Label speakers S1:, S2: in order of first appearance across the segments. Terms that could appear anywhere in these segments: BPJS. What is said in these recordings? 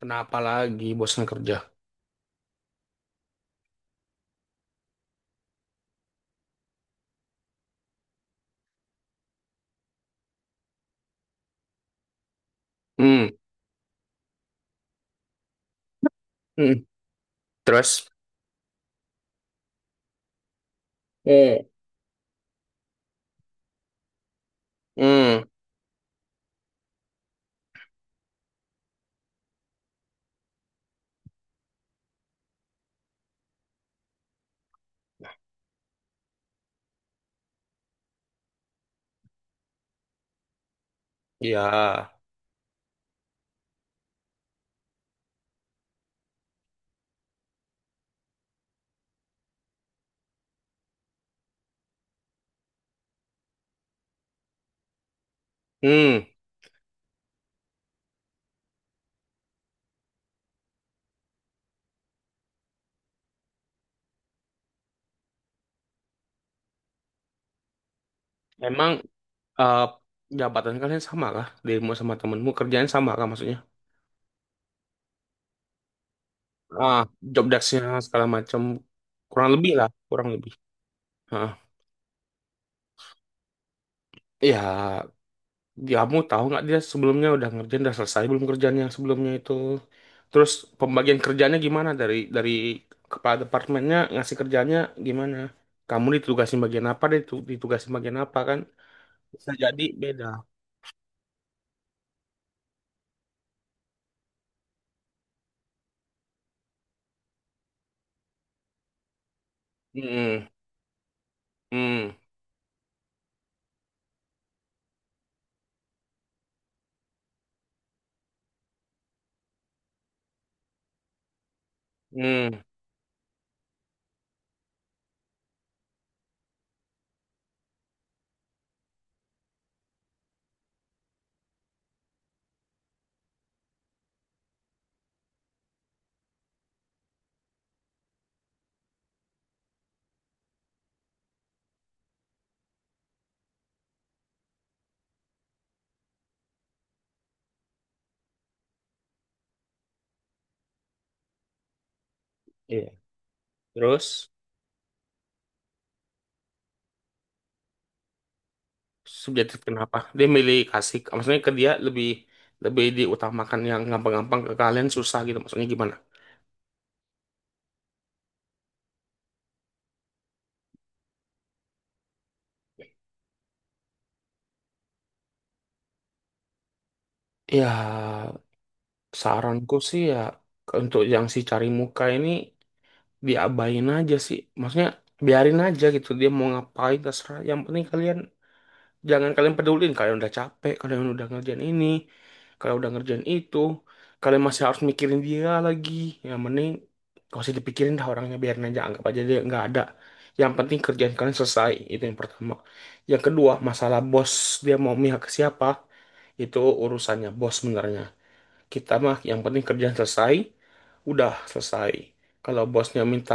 S1: Kenapa lagi bosan kerja? Hmm, hmm. Terus? Eh. Hmm, ya. Hmm, emang eh, jabatan kalian sama kah? Dirimu sama temenmu kerjaan sama kah, maksudnya? Ah, job desk-nya segala macam kurang lebih lah, kurang lebih. Ah, ya. Kamu tahu nggak dia sebelumnya udah ngerjain, udah selesai belum kerjaan yang sebelumnya itu? Terus pembagian kerjanya gimana, dari kepala departemennya ngasih kerjanya gimana? Kamu ditugasin bagian apa, dia ditugasin bagian apa, kan? Bisa jadi beda. Hmm, hmm, hmm. Iya. Terus, subjektif kenapa? Dia milih kasih, maksudnya ke dia lebih lebih diutamakan yang gampang-gampang, ke kalian susah gitu. Maksudnya gimana? Ya, saranku sih, ya, untuk yang si cari muka ini, diabain aja sih. Maksudnya biarin aja gitu, dia mau ngapain terserah. Yang penting kalian jangan, kalian pedulin kalian udah capek, kalian udah ngerjain ini, kalian udah ngerjain itu, kalian masih harus mikirin dia lagi. Yang mending gak usah dipikirin dah orangnya, biarin aja, anggap aja dia nggak ada. Yang penting kerjaan kalian selesai, itu yang pertama. Yang kedua, masalah bos dia mau mihak ke siapa, itu urusannya bos sebenarnya. Kita mah yang penting kerjaan selesai, udah selesai. Kalau bosnya minta,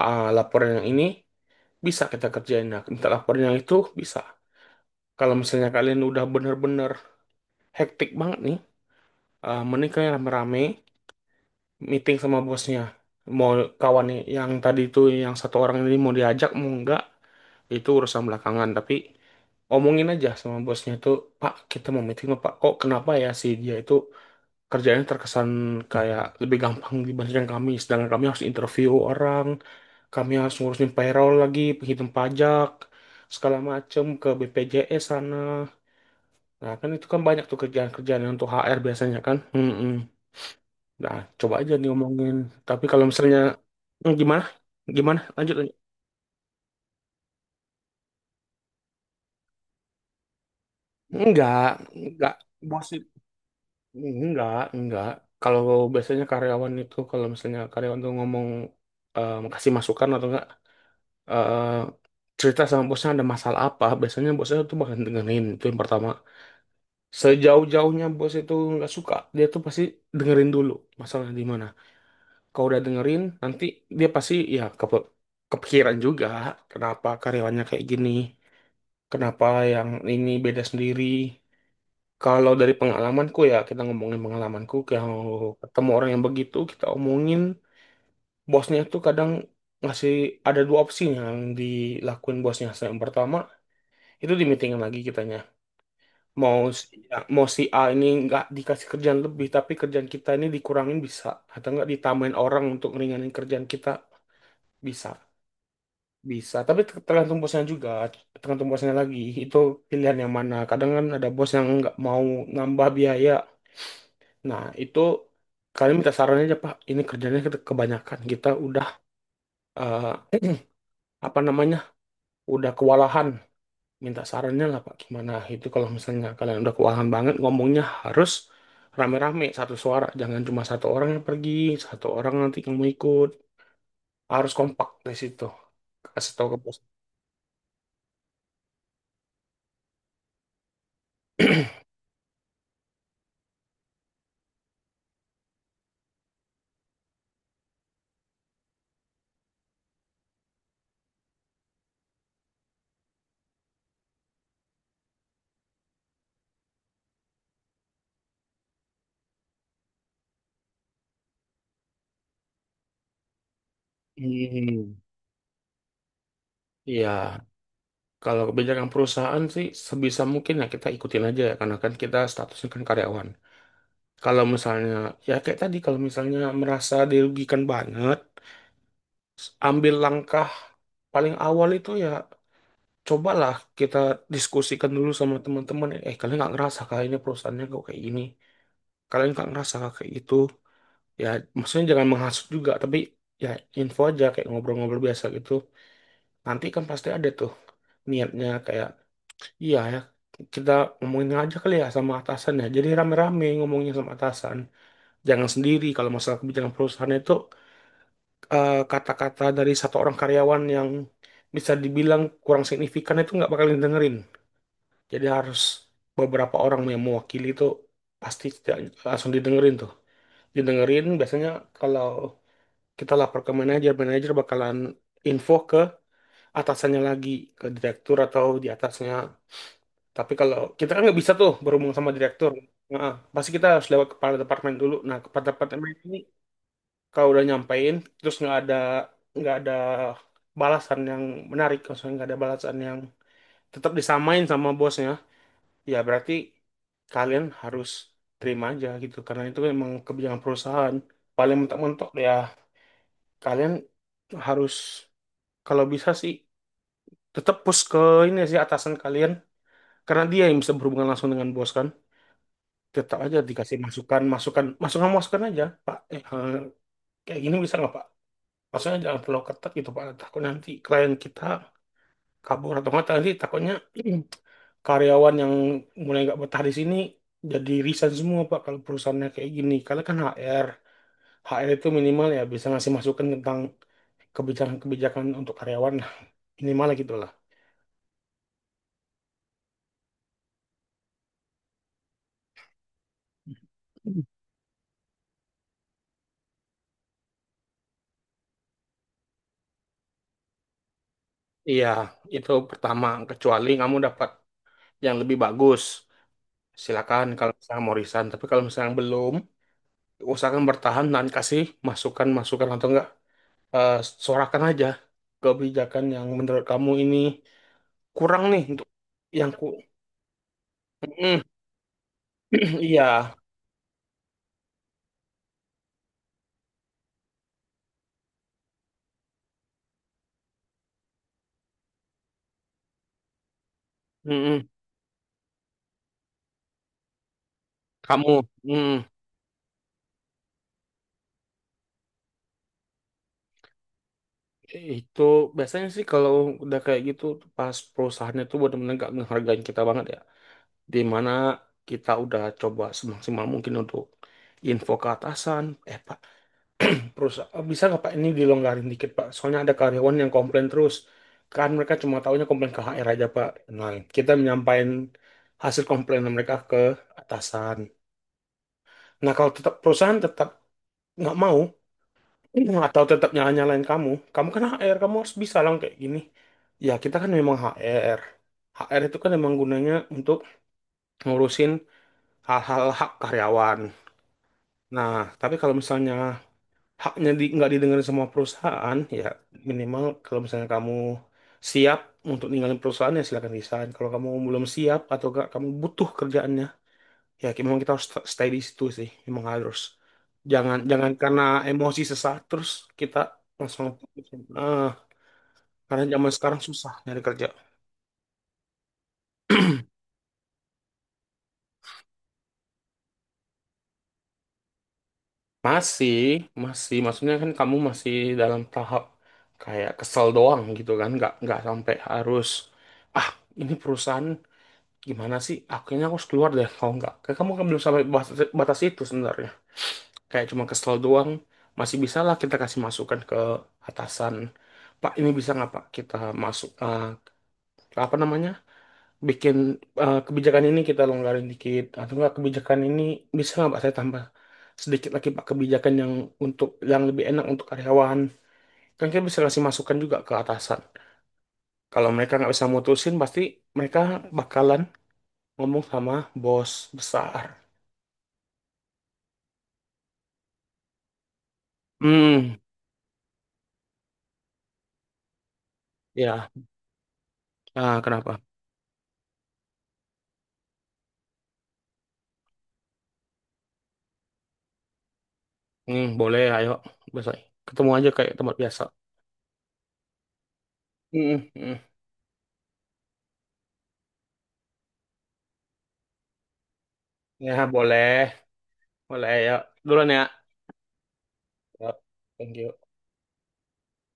S1: ah, laporan yang ini, bisa kita kerjain. Nah, minta laporan yang itu, bisa. Kalau misalnya kalian udah bener-bener hektik banget nih, ah, mending kalian rame-rame meeting sama bosnya. Mau kawan nih, yang tadi itu yang satu orang ini, mau diajak mau enggak, itu urusan belakangan. Tapi omongin aja sama bosnya itu, Pak, kita mau meeting, Pak. Kok kenapa ya si dia itu kerjanya terkesan kayak lebih gampang dibandingkan kami. Sedangkan kami harus interview orang, kami harus ngurusin payroll lagi, penghitung pajak, segala macem ke BPJS sana. Nah, kan itu kan banyak tuh kerjaan-kerjaan yang untuk HR biasanya kan. Mm-mm. Nah, coba aja nih ngomongin. Tapi kalau misalnya, hmm, gimana? Gimana? Lanjut, lanjut. Enggak, enggak. Bos itu, enggak, enggak. Kalau biasanya karyawan itu, kalau misalnya karyawan tuh ngomong, eh, kasih masukan atau enggak, eh, cerita sama bosnya ada masalah apa, biasanya bosnya tuh bakal dengerin. Itu yang pertama. Sejauh-jauhnya bos itu nggak suka, dia tuh pasti dengerin dulu masalah di mana. Kalau udah dengerin, nanti dia pasti ya kepikiran juga, kenapa karyawannya kayak gini, kenapa yang ini beda sendiri. Kalau dari pengalamanku, ya, kita ngomongin pengalamanku, kalau ketemu orang yang begitu, kita omongin, bosnya tuh kadang ngasih, ada dua opsi yang dilakuin bosnya. Yang pertama, itu di meeting lagi kitanya. Mau si, Mau si A ini nggak dikasih kerjaan lebih, tapi kerjaan kita ini dikurangin, bisa. Atau nggak, ditambahin orang untuk ngeringanin kerjaan kita, bisa. Bisa, tapi tergantung bosnya juga, tergantung bosnya lagi. Itu pilihan yang mana. Kadang kan ada bos yang nggak mau nambah biaya. Nah, itu kalian minta saran aja, Pak. Ini kerjanya kebanyakan. Kita udah, eh, apa namanya, udah kewalahan. Minta sarannya lah, Pak, gimana itu. Kalau misalnya kalian udah keuangan banget, ngomongnya harus rame-rame satu suara, jangan cuma satu orang yang pergi, satu orang nanti kamu ikut, harus kompak di situ, kasih tahu ke bos. Hmm. Iya, kalau kebijakan perusahaan sih sebisa mungkin ya kita ikutin aja ya, karena kan kita statusnya kan karyawan. Kalau misalnya, ya kayak tadi, kalau misalnya merasa dirugikan banget, ambil langkah paling awal itu ya cobalah kita diskusikan dulu sama teman-teman. Eh, kalian nggak ngerasa kah ini, perusahaannya kok kayak gini? Kalian nggak ngerasa kah kayak gitu? Ya, maksudnya jangan menghasut juga, tapi ya info aja kayak ngobrol-ngobrol biasa gitu. Nanti kan pasti ada tuh niatnya kayak, iya ya, kita ngomongin aja kali ya sama atasan ya. Jadi rame-rame ngomongnya sama atasan. Jangan sendiri. Kalau masalah kebijakan perusahaan itu, eh, kata-kata dari satu orang karyawan yang bisa dibilang kurang signifikan itu nggak bakal dengerin. Jadi harus beberapa orang yang mewakili itu, pasti tidak langsung didengerin tuh. Didengerin biasanya, kalau kita lapor ke manajer, manajer bakalan info ke atasannya lagi, ke direktur atau di atasnya. Tapi kalau kita kan nggak bisa tuh berhubung sama direktur. Nah, pasti kita harus lewat kepala departemen dulu. Nah, kepala departemen ini kalau udah nyampein, terus nggak ada balasan yang menarik, maksudnya nggak ada balasan yang tetap, disamain sama bosnya, ya berarti kalian harus terima aja gitu, karena itu memang kebijakan perusahaan. Paling mentok-mentok ya kalian harus, kalau bisa sih, tetap push ke ini sih, atasan kalian, karena dia yang bisa berhubungan langsung dengan bos kan. Tetap aja dikasih masukan, masukan, masukan, masukan aja, Pak, kayak gini bisa nggak, Pak? Maksudnya jangan terlalu ketat gitu, Pak, takut nanti klien kita kabur atau enggak, tadi takutnya karyawan yang mulai nggak betah di sini jadi resign semua, Pak, kalau perusahaannya kayak gini, karena kan HR, HR itu minimal ya bisa ngasih masukan tentang kebijakan-kebijakan untuk karyawan lah. Minimal lah, gitu lah. Iya, itu pertama. Kecuali kamu dapat yang lebih bagus, silakan kalau misalnya mau resign. Tapi kalau misalnya belum, usahakan bertahan dan kasih masukan-masukan, atau enggak, eh, sorakan aja kebijakan yang menurut kamu ini kurang nih untuk yang ku. Mm, iya. Mm-mm. Kamu, mm, itu biasanya sih kalau udah kayak gitu, pas perusahaannya tuh benar-benar gak menghargai kita banget ya, di mana kita udah coba semaksimal mungkin untuk info ke atasan, Pak, perusahaan bisa nggak, Pak, ini dilonggarin dikit, Pak, soalnya ada karyawan yang komplain terus, kan mereka cuma tahunya komplain ke HR aja, Pak. Nah, kita menyampaikan hasil komplain mereka ke atasan. Nah, kalau tetap perusahaan tetap nggak mau, atau tetap nyala-nyalain kamu, kamu kan HR, kamu harus bisa lah kayak gini. Ya, kita kan memang HR, HR itu kan memang gunanya untuk ngurusin hal-hal hak karyawan. Nah, tapi kalau misalnya haknya nggak didengerin sama perusahaan, ya minimal kalau misalnya kamu siap untuk ninggalin perusahaan, ya silakan resign. Kalau kamu belum siap atau nggak, kamu butuh kerjaannya, ya kayak memang kita harus stay di situ sih, memang harus. Jangan jangan karena emosi sesaat terus kita langsung putusin, ah, karena zaman sekarang susah nyari kerja. Masih masih maksudnya, kan kamu masih dalam tahap kayak kesel doang gitu kan, nggak sampai harus, ah, ini perusahaan gimana sih, akhirnya aku harus keluar deh. Kalau nggak, kayak kamu kan belum sampai batas, batas itu sebenarnya kayak cuma kesel doang. Masih bisa lah kita kasih masukan ke atasan, Pak, ini bisa nggak, Pak, kita masuk, eh, apa namanya, bikin, eh, kebijakan ini kita longgarin dikit, atau nggak kebijakan ini bisa nggak, Pak, saya tambah sedikit lagi, Pak, kebijakan yang untuk yang lebih enak untuk karyawan, kan kita bisa kasih masukan juga ke atasan. Kalau mereka nggak bisa mutusin, pasti mereka bakalan ngomong sama bos besar. Hmm. Ya. Ah, kenapa. Hmm, boleh, ayo. Besok ketemu aja kayak tempat biasa. Hmm, hmm. Ya, boleh. Boleh, ayo. Duluan ya. Ya. Thank you.